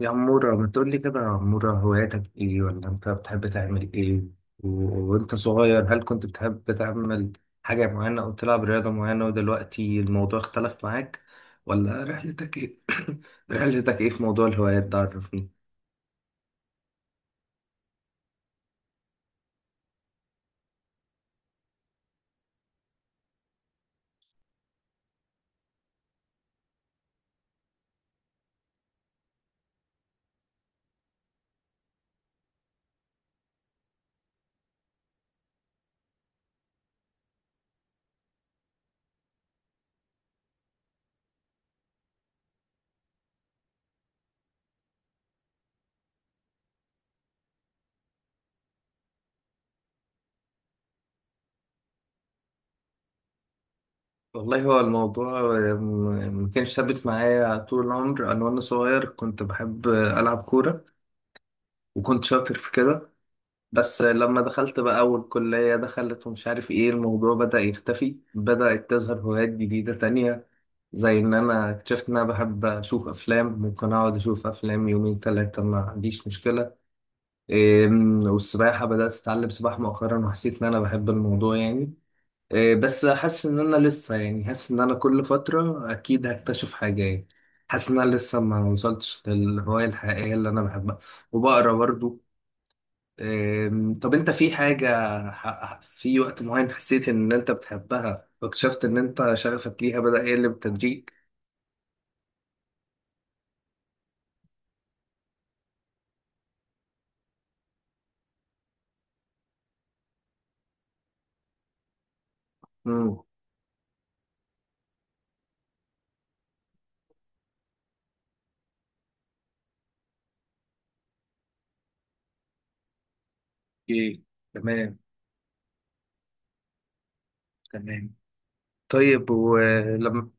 يا عمورة، ما تقول لي كده يا عمورة، هواياتك ايه؟ ولا انت بتحب تعمل ايه؟ و... وانت صغير، هل كنت بتحب تعمل حاجة معينة او تلعب رياضة معينة، ودلوقتي الموضوع اختلف معاك؟ ولا رحلتك ايه رحلتك ايه في موضوع الهوايات ده؟ عرفني. والله، هو الموضوع ما كانش ثابت معايا طول العمر. انا وانا صغير كنت بحب العب كورة، وكنت شاطر في كده. بس لما دخلت بقى أول كلية دخلت، ومش عارف إيه، الموضوع بدأ يختفي. بدأت تظهر هوايات جديدة تانية، زي إن أنا اكتشفت إن أنا بحب أشوف أفلام. ممكن أقعد أشوف أفلام يومين تلاتة، ما عنديش مشكلة. إيه، والسباحة بدأت أتعلم سباحة مؤخرا، وحسيت إن أنا بحب الموضوع يعني. إيه، بس حاسس إن أنا لسه يعني، حاسس إن أنا كل فترة أكيد هكتشف حاجة يعني. حاسس إن أنا لسه ما وصلتش للهواية الحقيقية اللي أنا بحبها. وبقرا برضو. طب انت في حاجة في وقت معين حسيت ان انت بتحبها، واكتشفت ان انت شغفك ليها بدأ يقل بالتدريج؟ امم. اوكي، تمام، تمام. طيب، ولما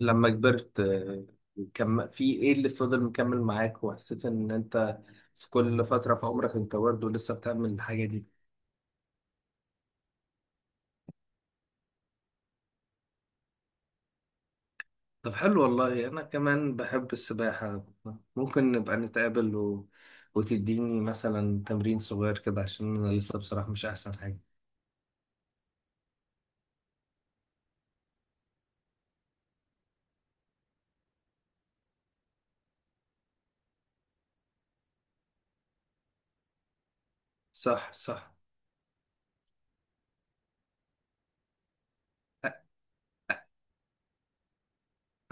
لما كبرت، كم في ايه اللي فضل مكمل معاك، وحسيت ان انت في كل فترة في عمرك انت برضه لسه بتعمل الحاجة دي؟ طب حلو، والله أنا كمان بحب السباحة. ممكن نبقى نتقابل وتديني مثلا تمرين صغير كده، عشان أنا لسه بصراحة مش أحسن حاجة. صح، صح.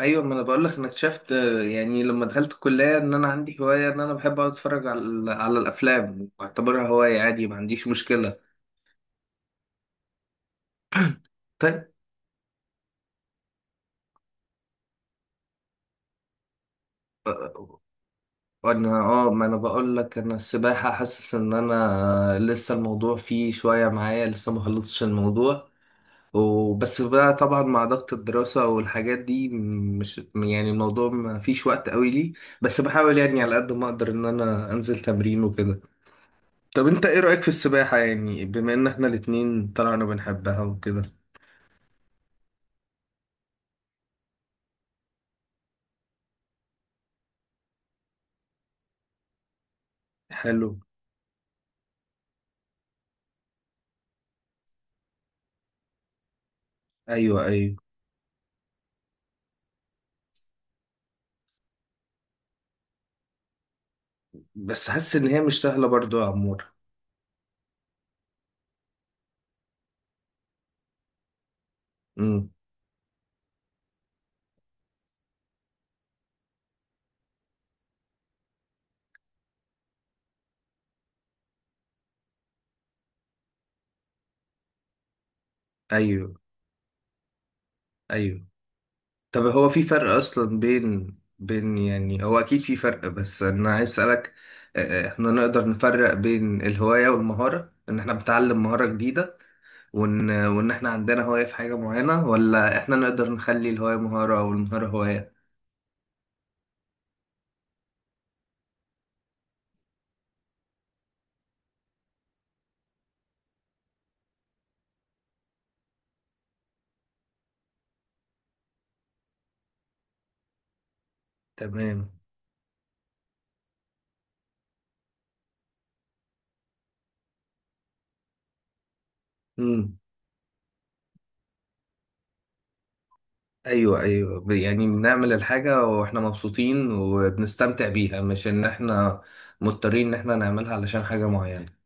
أيوة، ما أنا بقولك، أنا اكتشفت يعني لما دخلت الكلية إن أنا عندي هواية، إن أنا بحب أقعد أتفرج على الأفلام. بعتبرها هواية عادي، ما عنديش مشكلة. طيب، آه، وأنا ما أنا بقولك، أنا السباحة حاسس إن أنا لسه الموضوع فيه شوية معايا، لسه ما خلصتش الموضوع. وبس بقى طبعا مع ضغط الدراسة والحاجات دي، مش يعني، الموضوع ما فيش وقت قوي لي. بس بحاول يعني على قد ما اقدر ان انا انزل تمرين وكده. طب انت ايه رأيك في السباحة يعني، بما ان احنا الاتنين طلعنا بنحبها وكده؟ حلو. ايوه، ايوه، بس حاسس ان هي مش سهلة برضو يا عمور. امم. ايوه، ايوه. طب هو في فرق اصلا بين يعني، هو اكيد في فرق، بس انا عايز اسالك، احنا نقدر نفرق بين الهواية والمهارة، ان احنا بنتعلم مهارة جديدة، وان احنا عندنا هواية في حاجة معينة، ولا احنا نقدر نخلي الهواية مهارة او المهارة هواية؟ تمام. امم. ايوه، ايوه. يعني بنعمل الحاجة واحنا مبسوطين، وبنستمتع بيها، مش ان احنا مضطرين ان احنا نعملها علشان حاجة معينة.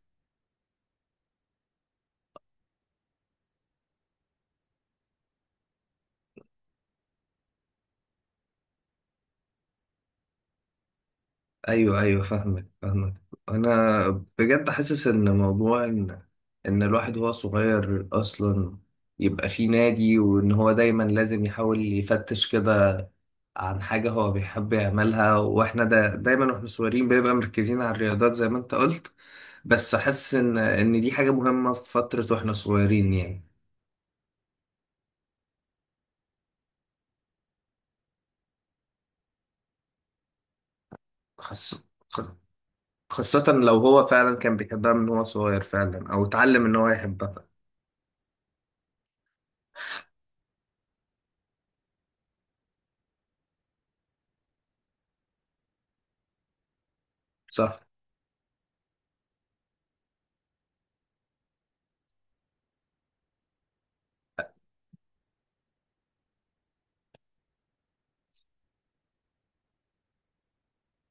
ايوه، ايوه، فاهمك، فاهمك. انا بجد حاسس ان موضوع ان الواحد وهو صغير اصلا يبقى في نادي، وان هو دايما لازم يحاول يفتش كده عن حاجة هو بيحب يعملها. واحنا دايما واحنا صغيرين بنبقى مركزين على الرياضات، زي ما انت قلت. بس حاسس ان دي حاجة مهمة في فترة واحنا صغيرين يعني. خاصة خاصة لو هو فعلا كان بيحبها من هو صغير فعلا، او اتعلم ان هو يحبها. صح.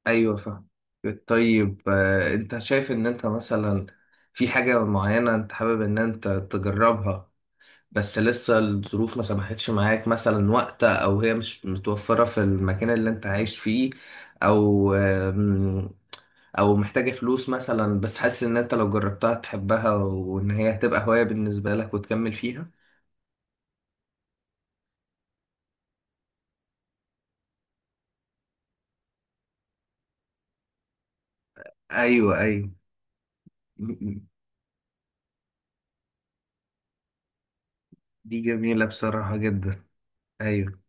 ايوه، فاهم. طيب، انت شايف ان انت مثلا في حاجة معينة انت حابب ان انت تجربها، بس لسه الظروف ما سمحتش معاك، مثلا وقت، او هي مش متوفرة في المكان اللي انت عايش فيه، او او محتاجة فلوس مثلا، بس حاسس ان انت لو جربتها تحبها، وان هي هتبقى هواية بالنسبة لك وتكمل فيها؟ ايوه، ايوه. م- م. دي جميلة بصراحة جدا. ايوه.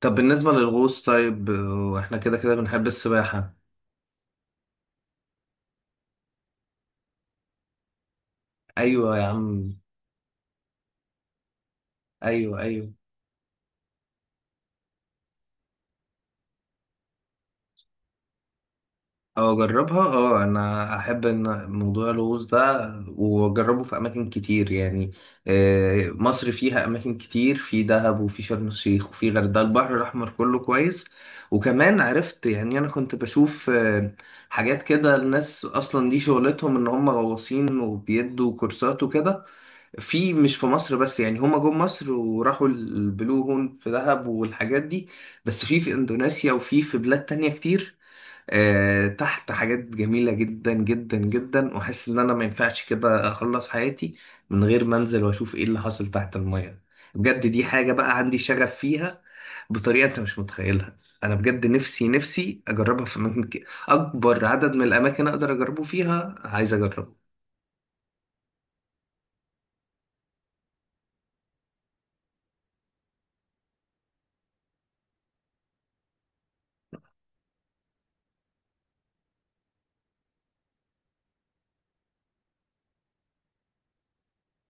طب بالنسبة للغوص، طيب، واحنا كده كده بنحب السباحة. ايوه يا عم. ايوه، ايوه، او اجربها. اه انا احب ان موضوع الغوص ده واجربه في اماكن كتير يعني. مصر فيها اماكن كتير، في دهب وفي شرم الشيخ وفي غردقه، البحر الاحمر كله كويس. وكمان عرفت يعني، انا كنت بشوف حاجات كده، الناس اصلا دي شغلتهم ان هم غواصين وبيدوا كورسات وكده، مش في مصر بس يعني، هما جم مصر وراحوا البلو هول في دهب والحاجات دي. بس في اندونيسيا وفي بلاد تانية كتير. تحت حاجات جميلة جدا جدا جدا، واحس ان انا ما ينفعش كده اخلص حياتي من غير ما انزل واشوف ايه اللي حاصل تحت المية. بجد دي حاجة بقى عندي شغف فيها بطريقة انت مش متخيلها. انا بجد نفسي نفسي اجربها في اماكن كتير. اكبر عدد من الاماكن اقدر اجربه فيها عايز اجربه.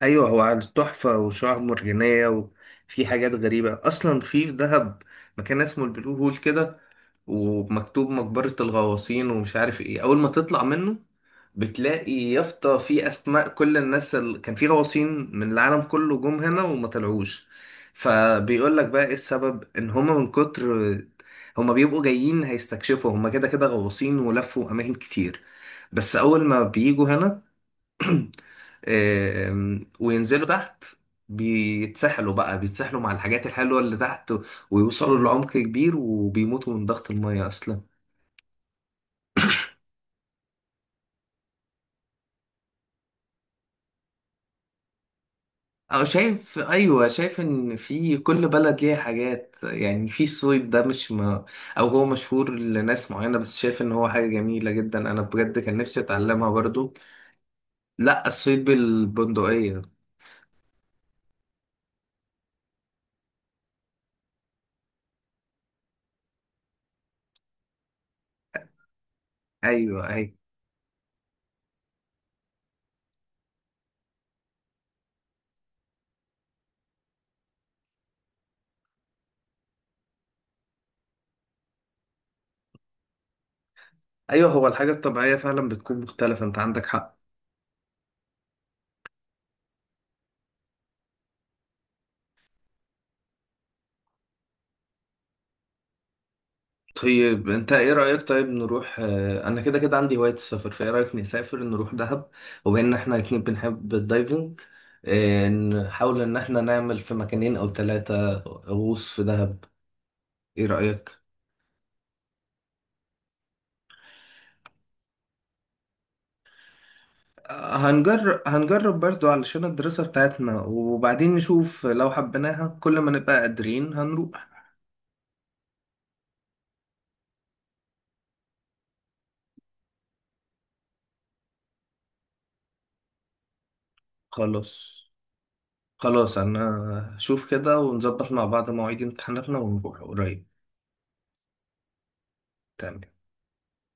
ايوه، هو عنده تحفه وشعاب مرجانيه. وفي حاجات غريبه اصلا، في دهب مكان اسمه البلو هول كده، ومكتوب مقبره الغواصين ومش عارف ايه. اول ما تطلع منه بتلاقي يافطه في اسماء كل الناس اللي كان في غواصين من العالم كله جم هنا وما طلعوش. فبيقول لك بقى ايه السبب، ان هما من كتر، هما بيبقوا جايين هيستكشفوا، هما كده كده غواصين ولفوا اماكن كتير، بس اول ما بيجوا هنا وينزلوا تحت، بيتسحلوا بقى، بيتسحلوا مع الحاجات الحلوة اللي تحت. ويوصلوا لعمق كبير، وبيموتوا من ضغط المية أصلا. أو شايف أيوة، شايف إن في كل بلد ليها حاجات يعني، في الصيد ده مش ما، أو هو مشهور لناس معينة، بس شايف إن هو حاجة جميلة جدا. أنا بجد كان نفسي أتعلمها برضو. لأ، الصيد بالبندقية. أيوة، أيوة. أيوة، هو الحاجة الطبيعية فعلا بتكون مختلفة، أنت عندك حق. طيب انت ايه رأيك، طيب نروح، انا كده كده عندي هواية السفر، فايه رأيك نسافر نروح دهب؟ وبما ان احنا الاتنين بنحب الدايفنج، اه، نحاول ان احنا نعمل في مكانين او ثلاثة غوص في دهب. ايه رأيك؟ هنجرب برضو علشان الدراسة بتاعتنا، وبعدين نشوف لو حبيناها كل ما نبقى قادرين هنروح. خلاص، خلاص. انا هشوف كده ونظبط مع بعض مواعيد امتحاناتنا، ونروح قريب. تمام.